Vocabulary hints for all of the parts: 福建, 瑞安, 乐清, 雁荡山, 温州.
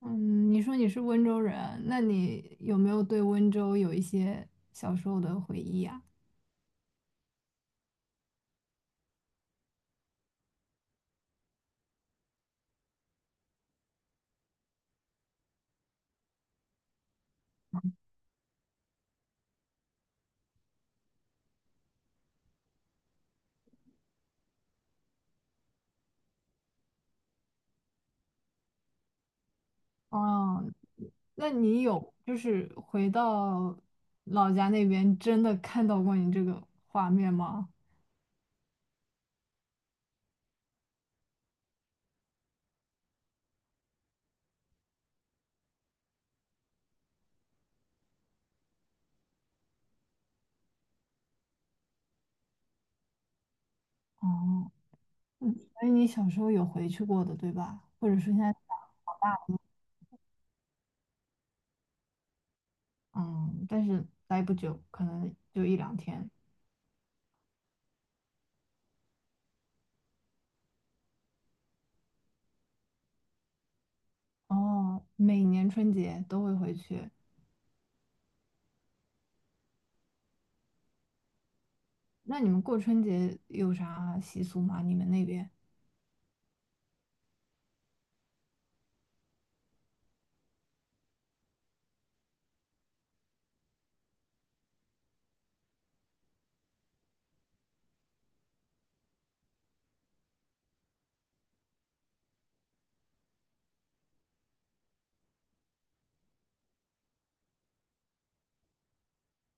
嗯，你说你是温州人，那你有没有对温州有一些小时候的回忆啊？哦，那你有就是回到老家那边真的看到过你这个画面吗？哦，嗯，所以你小时候有回去过的，对吧？或者说现在长大了，嗯，但是待不久，可能就一两天。哦，每年春节都会回去。那你们过春节有啥习俗吗？你们那边？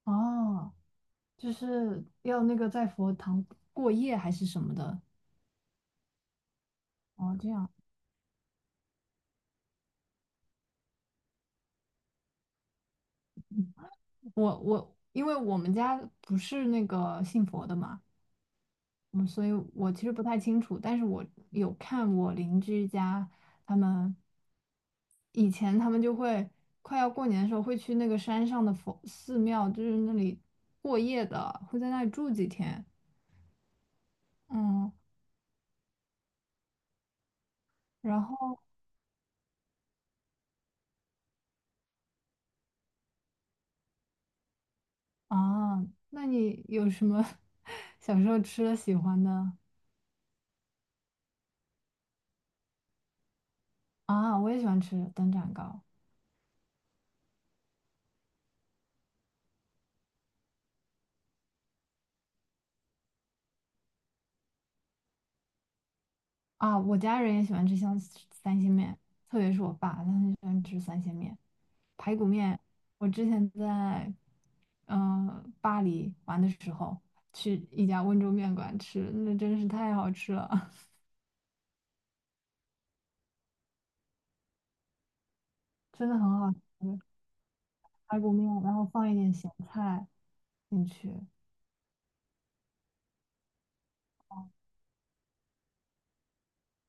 哦，就是要那个在佛堂过夜还是什么的。哦，这样，我因为我们家不是那个信佛的嘛，嗯，所以我其实不太清楚，但是我有看我邻居家他们以前就会快要过年的时候会去那个山上的佛寺庙，就是那里过夜的，会在那里住几天，嗯，然后啊，那你有什么 小时候吃的喜欢的啊，我也喜欢吃灯盏糕。啊，我家人也喜欢吃像三鲜面，特别是我爸，他很喜欢吃三鲜面、排骨面。我之前在巴黎玩的时候，去一家温州面馆吃，那真是太好吃了，真的很好吃。排骨面，然后放一点咸菜进去。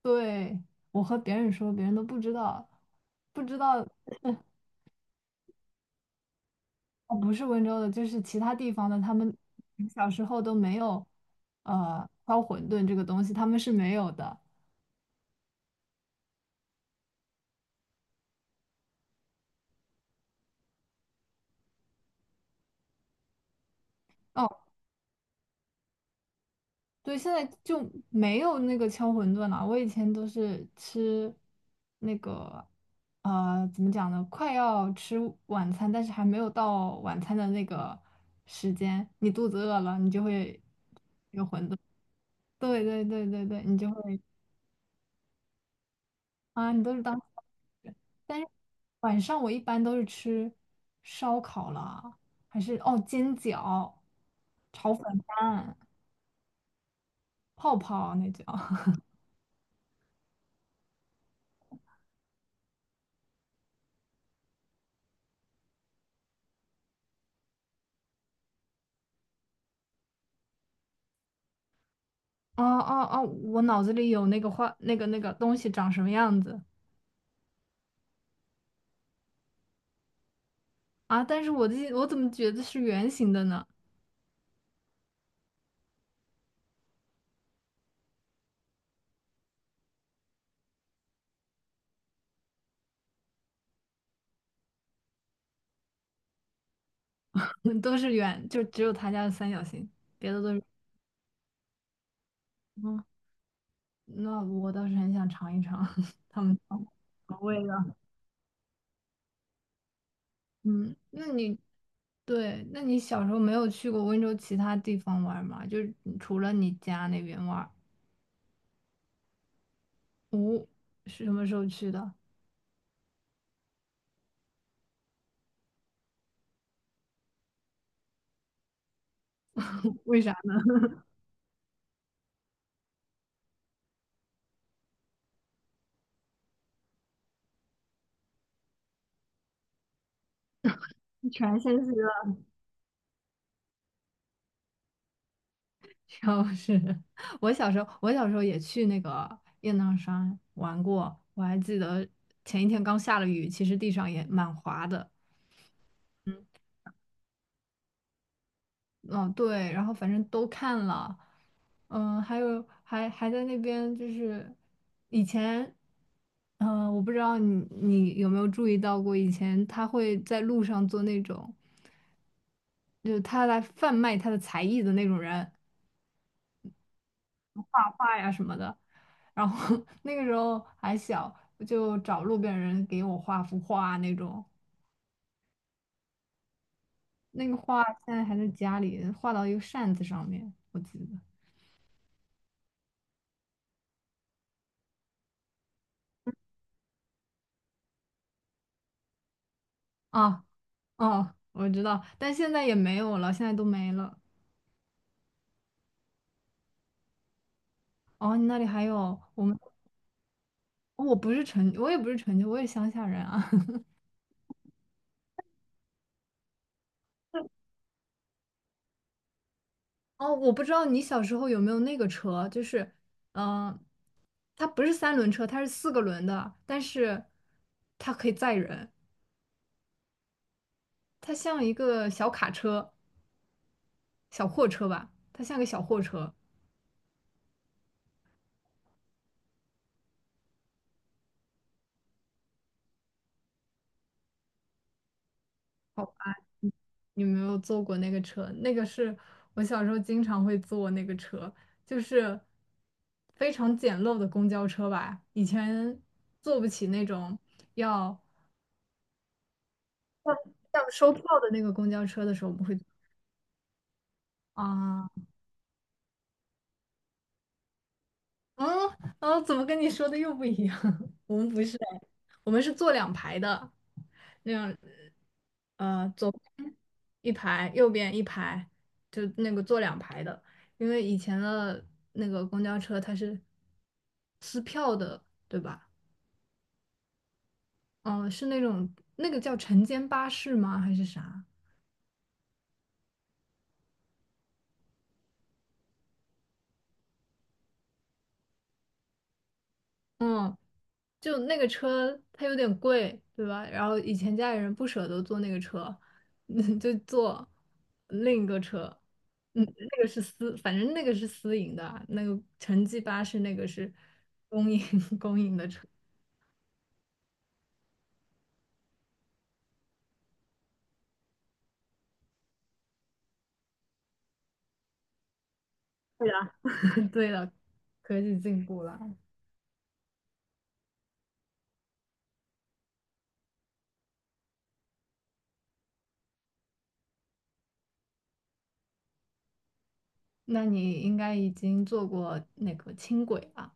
对，我和别人说，别人都不知道，不知道哦，不是温州的，就是其他地方的，他们小时候都没有，敲馄饨这个东西，他们是没有的。哦，对，现在就没有那个敲馄饨了。我以前都是吃那个，呃，怎么讲呢？快要吃晚餐，但是还没有到晚餐的那个时间，你肚子饿了，你就会，对对对对对，你就会。啊，你都是当，但是晚上我一般都是吃烧烤啦，还是哦煎饺、炒粉饭、泡泡那叫。哦哦哦，我脑子里有那个画那个那个东西长什么样子。啊，但是我怎么觉得是圆形的呢？都是圆，就只有他家的三角形，别的都是。嗯，那我倒是很想尝一尝 他们尝口味的。嗯，那你？对，那你小时候没有去过温州其他地方玩吗？就是除了你家那边玩，哦，是什么时候去的？为啥？全信息了。就是 我小时候，我小时候也去那个雁荡山玩过，我还记得前一天刚下了雨，其实地上也蛮滑的，嗯、对，然后反正都看了，嗯，还有还还在那边就是以前，嗯，我不知道你有没有注意到过，以前他会在路上做那种，就是他来贩卖他的才艺的那种人好的，然后 那个时候还小，我就找路边人给我画幅画那种，那个画现在还在家里画到一个扇子上面，我记得啊。哦，我知道，但现在也没有了，现在都没了。哦，你那里还有我们，哦我不是城，我也不是城都，我也乡下人啊。哦，我不知道你小时候有没有那个车，就是，嗯、呃它不是三轮车，它是四个轮的，但是它可以载人，它像一个小卡车、小货车吧，它像个小货车。好吧，你没有坐过那个车？那个是我小时候经常会坐那个车，就是非常简陋的公交车吧，以前坐不起那种要。像收票的那个公交车的时候，我们会啊，嗯啊，怎么跟你说的又不一样？我们不是哎，我们是坐两排的，那样左一排，右边一排，就那个坐两排的，因为以前的那个公交车它是撕票的，对吧？嗯、是那种那个叫晨间巴士吗？还是啥？嗯，就那个车它有点贵，对吧？然后以前家里人不舍得坐那个车，嗯，就坐另一个车。嗯，那个是私，反正那个是私营的啊那个城际巴士那个是公营 公营的车。对了，科技进步了，那你应该已经坐过那个轻轨吧？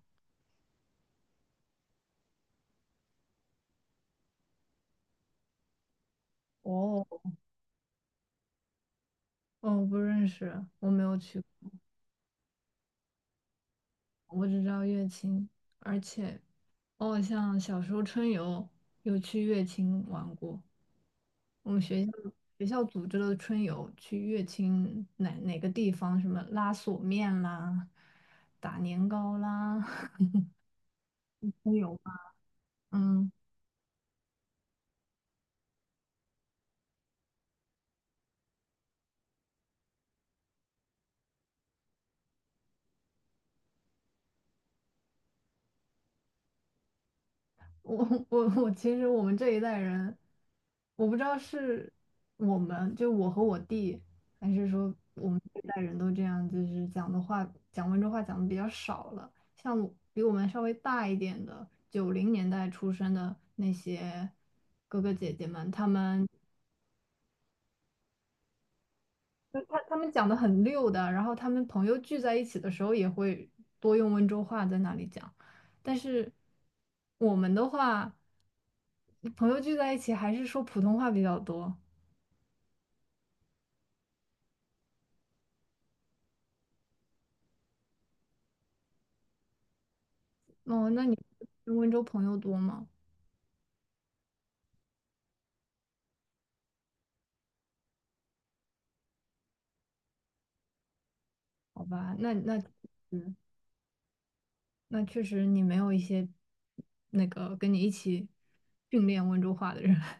哦，嗯，我不认识，我没有去过，我只知道乐清，而且哦，像小时候春游有去乐清玩过，我们学校组织了春游去乐清哪哪个地方，什么拉锁面啦、打年糕啦，春游吧，嗯。我 我我，其实我们这一代人，我不知道是我们就我和我弟，还是说我们这一代人都这样，就是讲的话，讲温州话讲的比较少了。像我比我们稍微大一点的，90年代出生的那些哥哥姐姐们，他们就他们讲的很溜的，然后他们朋友聚在一起的时候也会多用温州话在那里讲，但是我们的话。朋友聚在一起还是说普通话比较多。哦，那你跟温州朋友多吗？好吧，那那嗯，那确实你没有一些那个跟你一起训练温州话的人。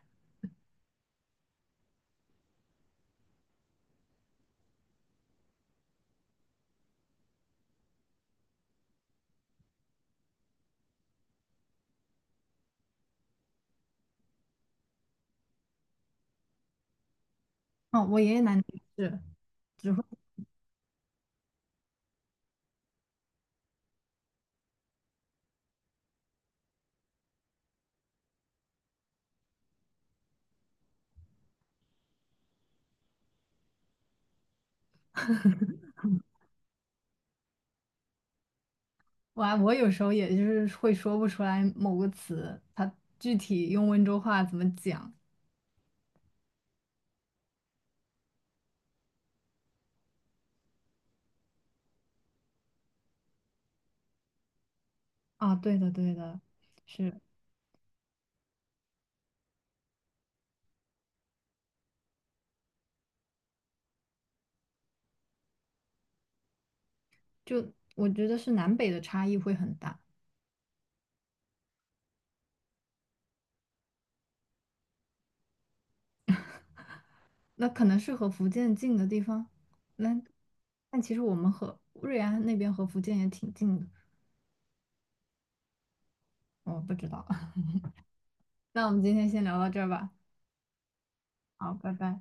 哦，我爷爷奶奶也是，只会我有时候也就是会说不出来某个词，他具体用温州话怎么讲啊？对的，对的，是，就我觉得是南北的差异会很大。那可能是和福建近的地方。那但其实我们和瑞安那边和福建也挺近的，我不知道。那我们今天先聊到这儿吧。好，拜拜。